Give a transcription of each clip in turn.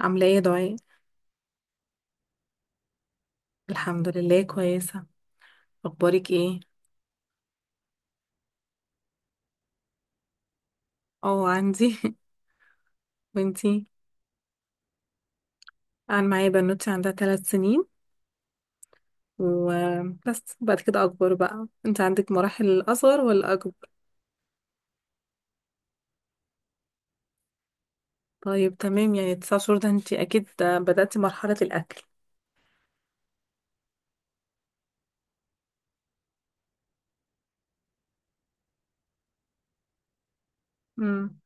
عاملة ايه يا دعاء؟ الحمد لله كويسة. اخبارك ايه؟ اه عندي. وانتي؟ انا معايا بنوتي عندها ثلاث سنين وبس، بعد كده اكبر. بقى انت عندك مراحل اصغر ولا اكبر؟ طيب تمام، يعني تسع شهور ده انت اكيد بدأتي مرحلة الاكل. امم.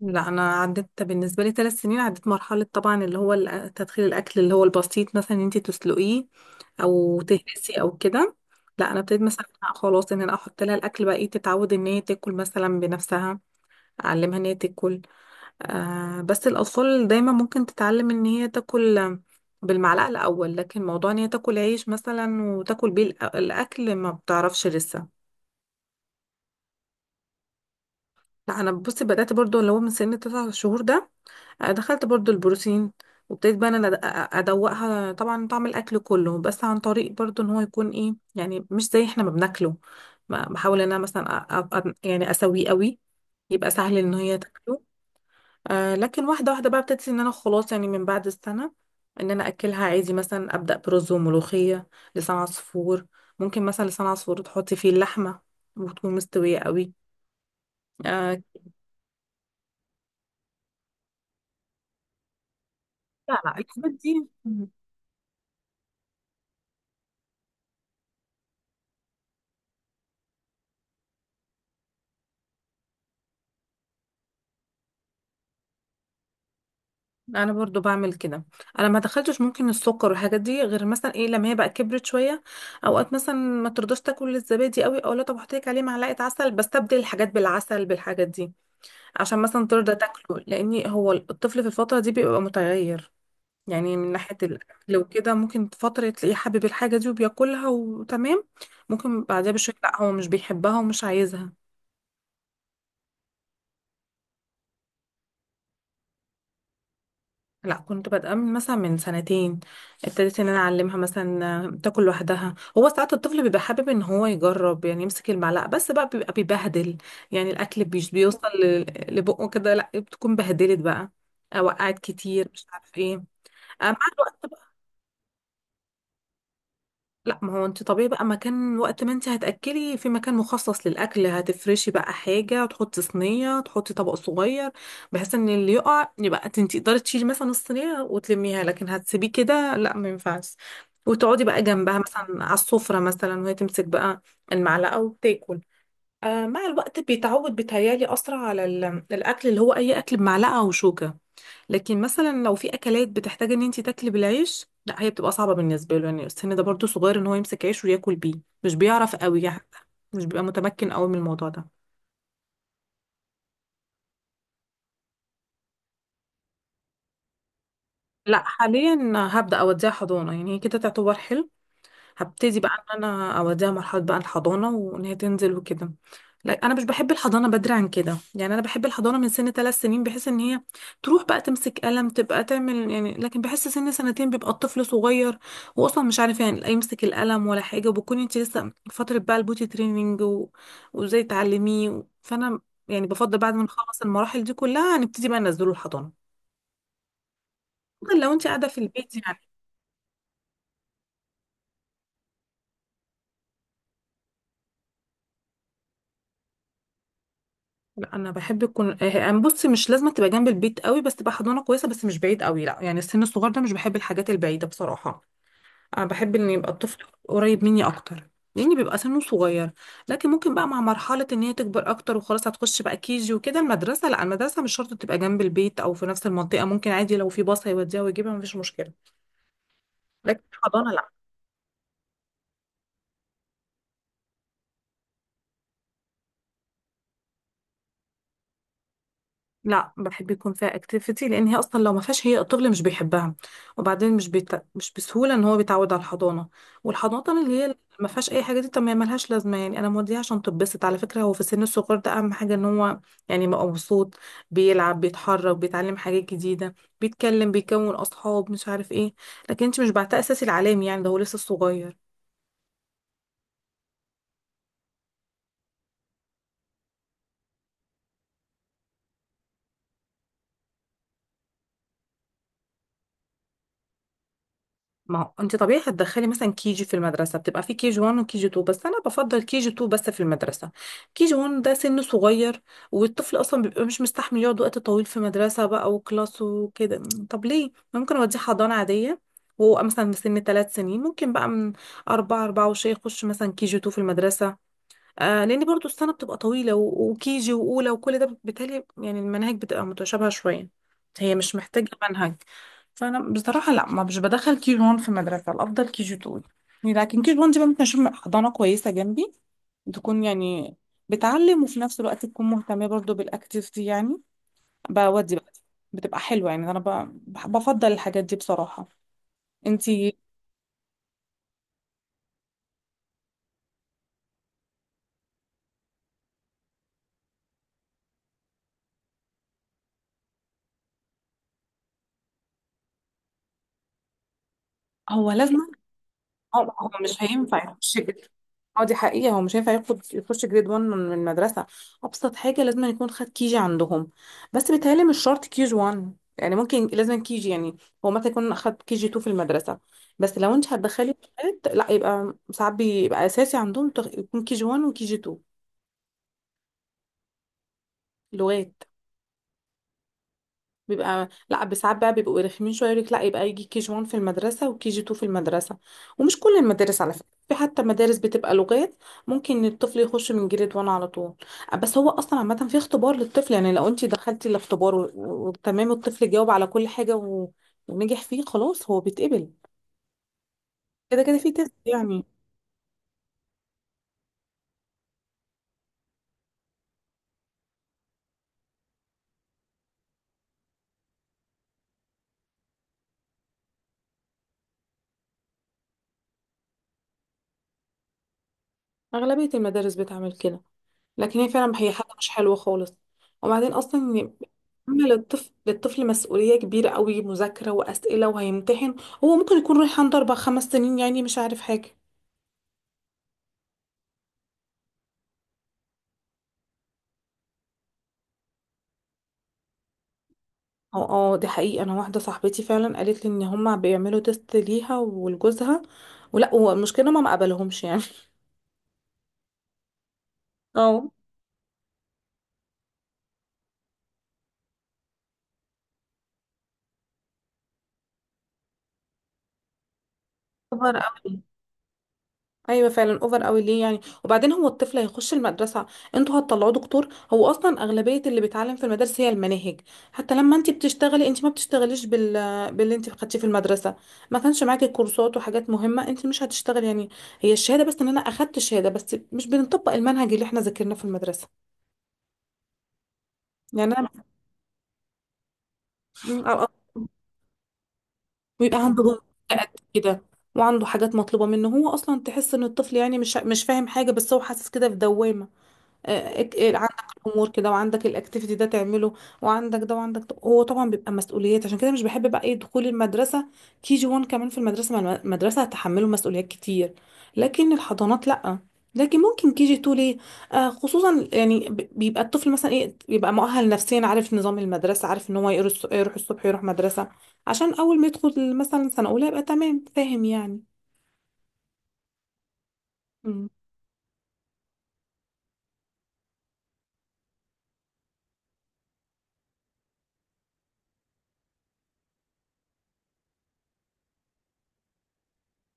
لا انا عدت بالنسبه لي ثلاث سنين، عدت مرحله طبعا اللي هو تدخين الاكل اللي هو البسيط، مثلا ان انت تسلقيه او تهرسي او كده. لا انا ابتديت مثلا لأ خلاص، ان انا احط لها الاكل بقى ايه، تتعود ان هي تاكل مثلا بنفسها، اعلمها ان هي تاكل. آه بس الاطفال دايما ممكن تتعلم ان هي تاكل بالمعلقه الاول، لكن موضوع ان هي تاكل عيش مثلا وتاكل بيه الاكل ما بتعرفش لسه. لا انا بصي بدات برضو اللي هو من سن تسع شهور ده، دخلت برضو البروتين وابتديت بقى انا ادوقها طبعا طعم الاكل كله، بس عن طريق برضو ان هو يكون ايه، يعني مش زي احنا ما بناكله. بحاول ان انا مثلا يعني اسويه قوي يبقى سهل ان هي تاكله. آه لكن واحده واحده بقى ابتديت ان انا خلاص، يعني من بعد السنه ان انا اكلها عادي، مثلا ابدا برز وملوخيه، لسان عصفور. ممكن مثلا لسان عصفور تحطي فيه اللحمه وتكون مستويه قوي. آه. لا لا الحاجات دي انا برضو بعمل كده. انا ما دخلتش ممكن السكر والحاجات دي، غير مثلا ايه، لما هي بقى كبرت شويه، اوقات مثلا ما ترضاش تاكل الزبادي قوي او لا، طب احط لك عليه معلقه عسل، بستبدل الحاجات بالعسل بالحاجات دي عشان مثلا ترضى تاكله، لان هو الطفل في الفتره دي بيبقى متغير، يعني من ناحيه الاكل وكده. ممكن فتره تلاقيه حابب الحاجه دي وبياكلها وتمام، ممكن بعدها بشويه لا هو مش بيحبها ومش عايزها. لا كنت بادئه من مثلا من سنتين، ابتديت ان انا اعلمها مثلا تاكل لوحدها. هو ساعات الطفل بيبقى حابب ان هو يجرب، يعني يمسك المعلقه، بس بقى بيبقى بيبهدل، يعني الاكل مش بيوصل لبقه كده، لا بتكون بهدلت بقى، وقعت كتير مش عارف ايه. مع الوقت. لا ما هو انت طبيعي بقى مكان، وقت ما انت هتاكلي في مكان مخصص للاكل هتفرشي بقى حاجه وتحطي صينيه، تحطي طبق صغير بحيث ان اللي يقع يبقى انت تقدري تشيلي مثلا الصينيه وتلميها، لكن هتسيبيه كده لا، ما ينفعش. وتقعدي بقى جنبها مثلا على السفره مثلا وهي تمسك بقى المعلقه وتاكل. آه مع الوقت بيتعود، بيتهيالي اسرع على الاكل اللي هو اي اكل بمعلقه وشوكه، لكن مثلا لو في اكلات بتحتاج ان انت تاكلي بالعيش، لا هي بتبقى صعبه بالنسبه له، يعني السن ده برضو صغير ان هو يمسك عيش وياكل بيه، مش بيعرف قوي يعني، مش بيبقى متمكن قوي من الموضوع ده. لا حاليا هبدا اوديها حضانه، يعني هي كده تعتبر حلو، هبتدي بقى ان انا اوديها مرحله بقى الحضانه وان هي تنزل وكده. لا انا مش بحب الحضانه بدري عن كده، يعني انا بحب الحضانه من سن ثلاث سنين، بحيث ان هي تروح بقى تمسك قلم تبقى تعمل يعني، لكن بحس سن سنتين بيبقى الطفل صغير واصلا مش عارف يعني، لا يمسك القلم ولا حاجه، وبكون انت لسه فتره بقى البوتي تريننج وازاي تعلميه فانا يعني بفضل بعد ما نخلص المراحل دي كلها نبتدي بقى ننزله الحضانه، بفضل لو انت قاعده في البيت يعني. لا انا بحب يكون يعني بصي مش لازم تبقى جنب البيت قوي، بس تبقى حضانه كويسه، بس مش بعيد قوي لا، يعني السن الصغير ده مش بحب الحاجات البعيده بصراحه، انا بحب ان يبقى الطفل قريب مني اكتر لان بيبقى سنه صغير، لكن ممكن بقى مع مرحله ان هي تكبر اكتر وخلاص هتخش بقى كيجي وكده المدرسه، لا المدرسه مش شرط تبقى جنب البيت او في نفس المنطقه، ممكن عادي لو في باص هيوديها ويجيبها مفيش مشكله، لكن الحضانه لا. لا بحب يكون فيها اكتيفيتي، لان هي اصلا لو ما فيهاش هي الطفل مش بيحبها، وبعدين مش بسهوله ان هو بيتعود على الحضانه، والحضانه اللي هي ما فيهاش اي حاجه دي طب ما هي ملهاش لازمه، يعني انا موديها عشان تتبسط، على فكره هو في السن الصغير ده اهم حاجه ان هو يعني يبقى مبسوط، بيلعب بيتحرك بيتعلم حاجات جديده، بيتكلم بيكون اصحاب مش عارف ايه، لكن انت مش بعتها اساسي العلامي يعني ده هو لسه صغير. ما هو انت طبيعي هتدخلي مثلا كي جي في المدرسه بتبقى في كي جي 1 وكي جي 2، بس انا بفضل كي جي 2 بس في المدرسه، كي جي 1 ده سن صغير، والطفل اصلا بيبقى مش مستحمل يقعد وقت طويل في مدرسه بقى وكلاس وكده، طب ليه، ممكن اوديه حضانه عاديه وهو مثلا من سن ثلاث سنين، ممكن بقى من أربعة أربعة وشي يخش مثلا كي جي 2 في المدرسة. آه لان برضو السنه بتبقى طويله وكيجي واولى وكل ده بالتالي يعني المناهج بتبقى متشابهه شويه، هي مش محتاجه منهج. فانا بصراحه لا، ما مش بدخل كي جي 1 في مدرسه، الافضل كي جي 2، لكن كي جي 1 دي بقى ممكن اشوف حضانه كويسه جنبي تكون يعني بتعلم وفي نفس الوقت تكون مهتمه برضو بالاكتيفيتي يعني بودي بقى، بتبقى حلوه، يعني انا بفضل الحاجات دي بصراحه. انتي. هو لازم. اه لا، هو مش هينفع يخش جد. اه دي حقيقة هو مش هينفع ياخد يخش جريد 1 من المدرسة، أبسط حاجة لازم يكون خد كيجي عندهم، بس بيتهيألي مش شرط كيجي 1 يعني ممكن، لازم كيجي يعني، هو مثلا يكون أخد كيجي 2 في المدرسة، بس لو أنت هتدخلي لغات لا يبقى ساعات بيبقى أساسي عندهم يكون كيجي 1 وكيجي 2 لغات، بيبقى لا، ساعات بقى بيبقوا رخمين شويه يقولك لا، يبقى يجي كي جي 1 في المدرسه وكي جي 2 في المدرسه، ومش كل المدارس على فكره، في حتى مدارس بتبقى لغات ممكن الطفل يخش من جريد 1 على طول، بس هو اصلا عامه في اختبار للطفل، يعني لو انت دخلتي الاختبار وتمام الطفل جاوب على كل حاجه ونجح فيه خلاص هو بيتقبل، كده كده في تيست يعني. اغلبيه المدارس بتعمل كده، لكن هي فعلا هي حاجة مش حلوة خالص، وبعدين أصلا أما للطفل مسؤولية كبيرة قوي، مذاكرة وأسئلة وهيمتحن، هو ممكن يكون رايح عنده أربع خمس سنين يعني مش عارف حاجة. اه اه دي حقيقة، أنا واحدة صاحبتي فعلا قالت لي إن هما بيعملوا تيست ليها ولجوزها، ولا والمشكلة ما مقبلهمش يعني. اه كبر قوي، ايوه فعلا اوفر قوي ليه يعني، وبعدين هو الطفل هيخش المدرسه انتوا هتطلعوه دكتور، هو اصلا اغلبيه اللي بيتعلم في المدارس هي المناهج، حتى لما انت بتشتغلي انت ما بتشتغليش باللي انت خدتيه في المدرسه، ما كانش معاكي كورسات وحاجات مهمه انت مش هتشتغلي يعني، هي الشهاده بس ان انا اخدت شهاده بس مش بنطبق المنهج اللي احنا ذاكرناه في المدرسه، يعني انا م- بيبقى عنده جهد قد كده، وعنده حاجات مطلوبه منه، هو اصلا تحس ان الطفل يعني مش فاهم حاجه، بس هو حاسس كده في دوامه، عندك الامور كده، وعندك الاكتيفيتي ده تعمله، وعندك ده وعندك ده. هو طبعا بيبقى مسؤوليات عشان كده مش بحب بقى ايه دخول المدرسه، كي جي 1 كمان في المدرسه مع المدرسه هتحمله مسؤوليات كتير، لكن الحضانات لا، لكن ممكن كي جي 2 ليه، آه خصوصا يعني بيبقى الطفل مثلا ايه، بيبقى مؤهل نفسيا عارف نظام المدرسه عارف ان هو يروح الصبح يروح مدرسه عشان اول ما يدخل مثلا سنه اولى يبقى تمام فاهم يعني. مم.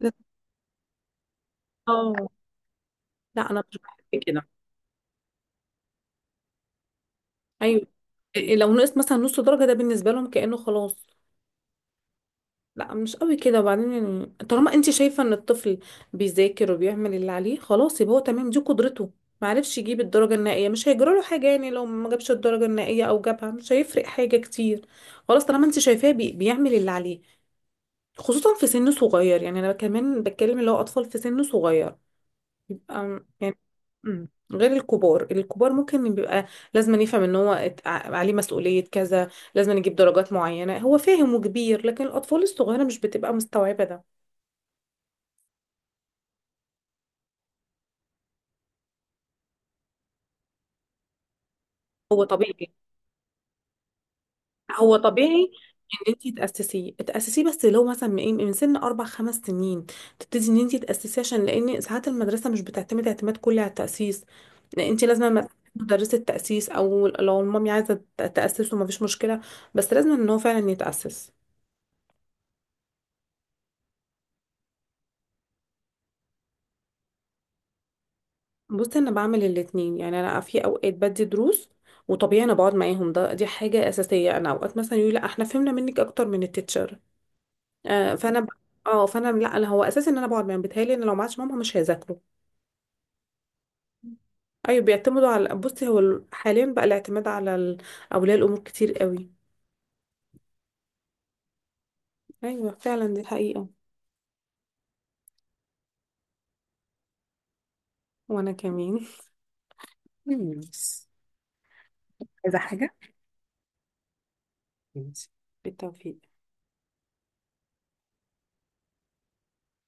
لا- اه لا انا مش بحب كده. ايوه إيه لو نقص مثلا نص درجه ده بالنسبه لهم كانه خلاص، لا مش قوي كده، وبعدين يعني طالما انت شايفه ان الطفل بيذاكر وبيعمل اللي عليه خلاص يبقى هو تمام، دي قدرته، ما عرفش يجيب الدرجه النهائيه مش هيجرى له حاجه، يعني لو ما جابش الدرجه النهائيه او جابها مش هيفرق حاجه كتير، خلاص طالما انت شايفاه بيعمل اللي عليه، خصوصا في سن صغير يعني انا كمان بتكلم اللي هو اطفال في سن صغير يبقى يعني. مم. غير الكبار، الكبار ممكن بيبقى لازم يفهم ان هو عليه مسؤولية كذا، لازم يجيب درجات معينة، هو فاهم وكبير، لكن الأطفال الصغيرة مش بتبقى مستوعبة ده. هو طبيعي. هو طبيعي ان انت تأسسيه، تأسسيه بس لو مثلا من إيه؟ من سن اربع خمس سنين تبتدي ان انت تأسسيه، عشان لان ساعات المدرسة مش بتعتمد اعتماد كلي على التأسيس، لأن انت لازم مثلاً مدرسة تأسيس، او لو المامي عايزة تأسسه مفيش مشكلة، بس لازم ان هو فعلا يتأسس. بص انا بعمل الاتنين، يعني انا في اوقات بدي دروس، وطبيعي انا بقعد معاهم ده دي حاجه اساسيه، انا اوقات مثلا يقولي لا احنا فهمنا منك اكتر من التيتشر، آه اه فانا لا انا هو اساسي ان انا بقعد معاهم، بيتهيألي ان لو معاش ماما مش هيذاكروا. ايوه بيعتمدوا على بصي هو حاليا بقى الاعتماد على اولياء الامور كتير قوي. ايوه فعلا دي حقيقه. وانا كمان. مم. عايزة حاجة؟ ماشي، بالتوفيق.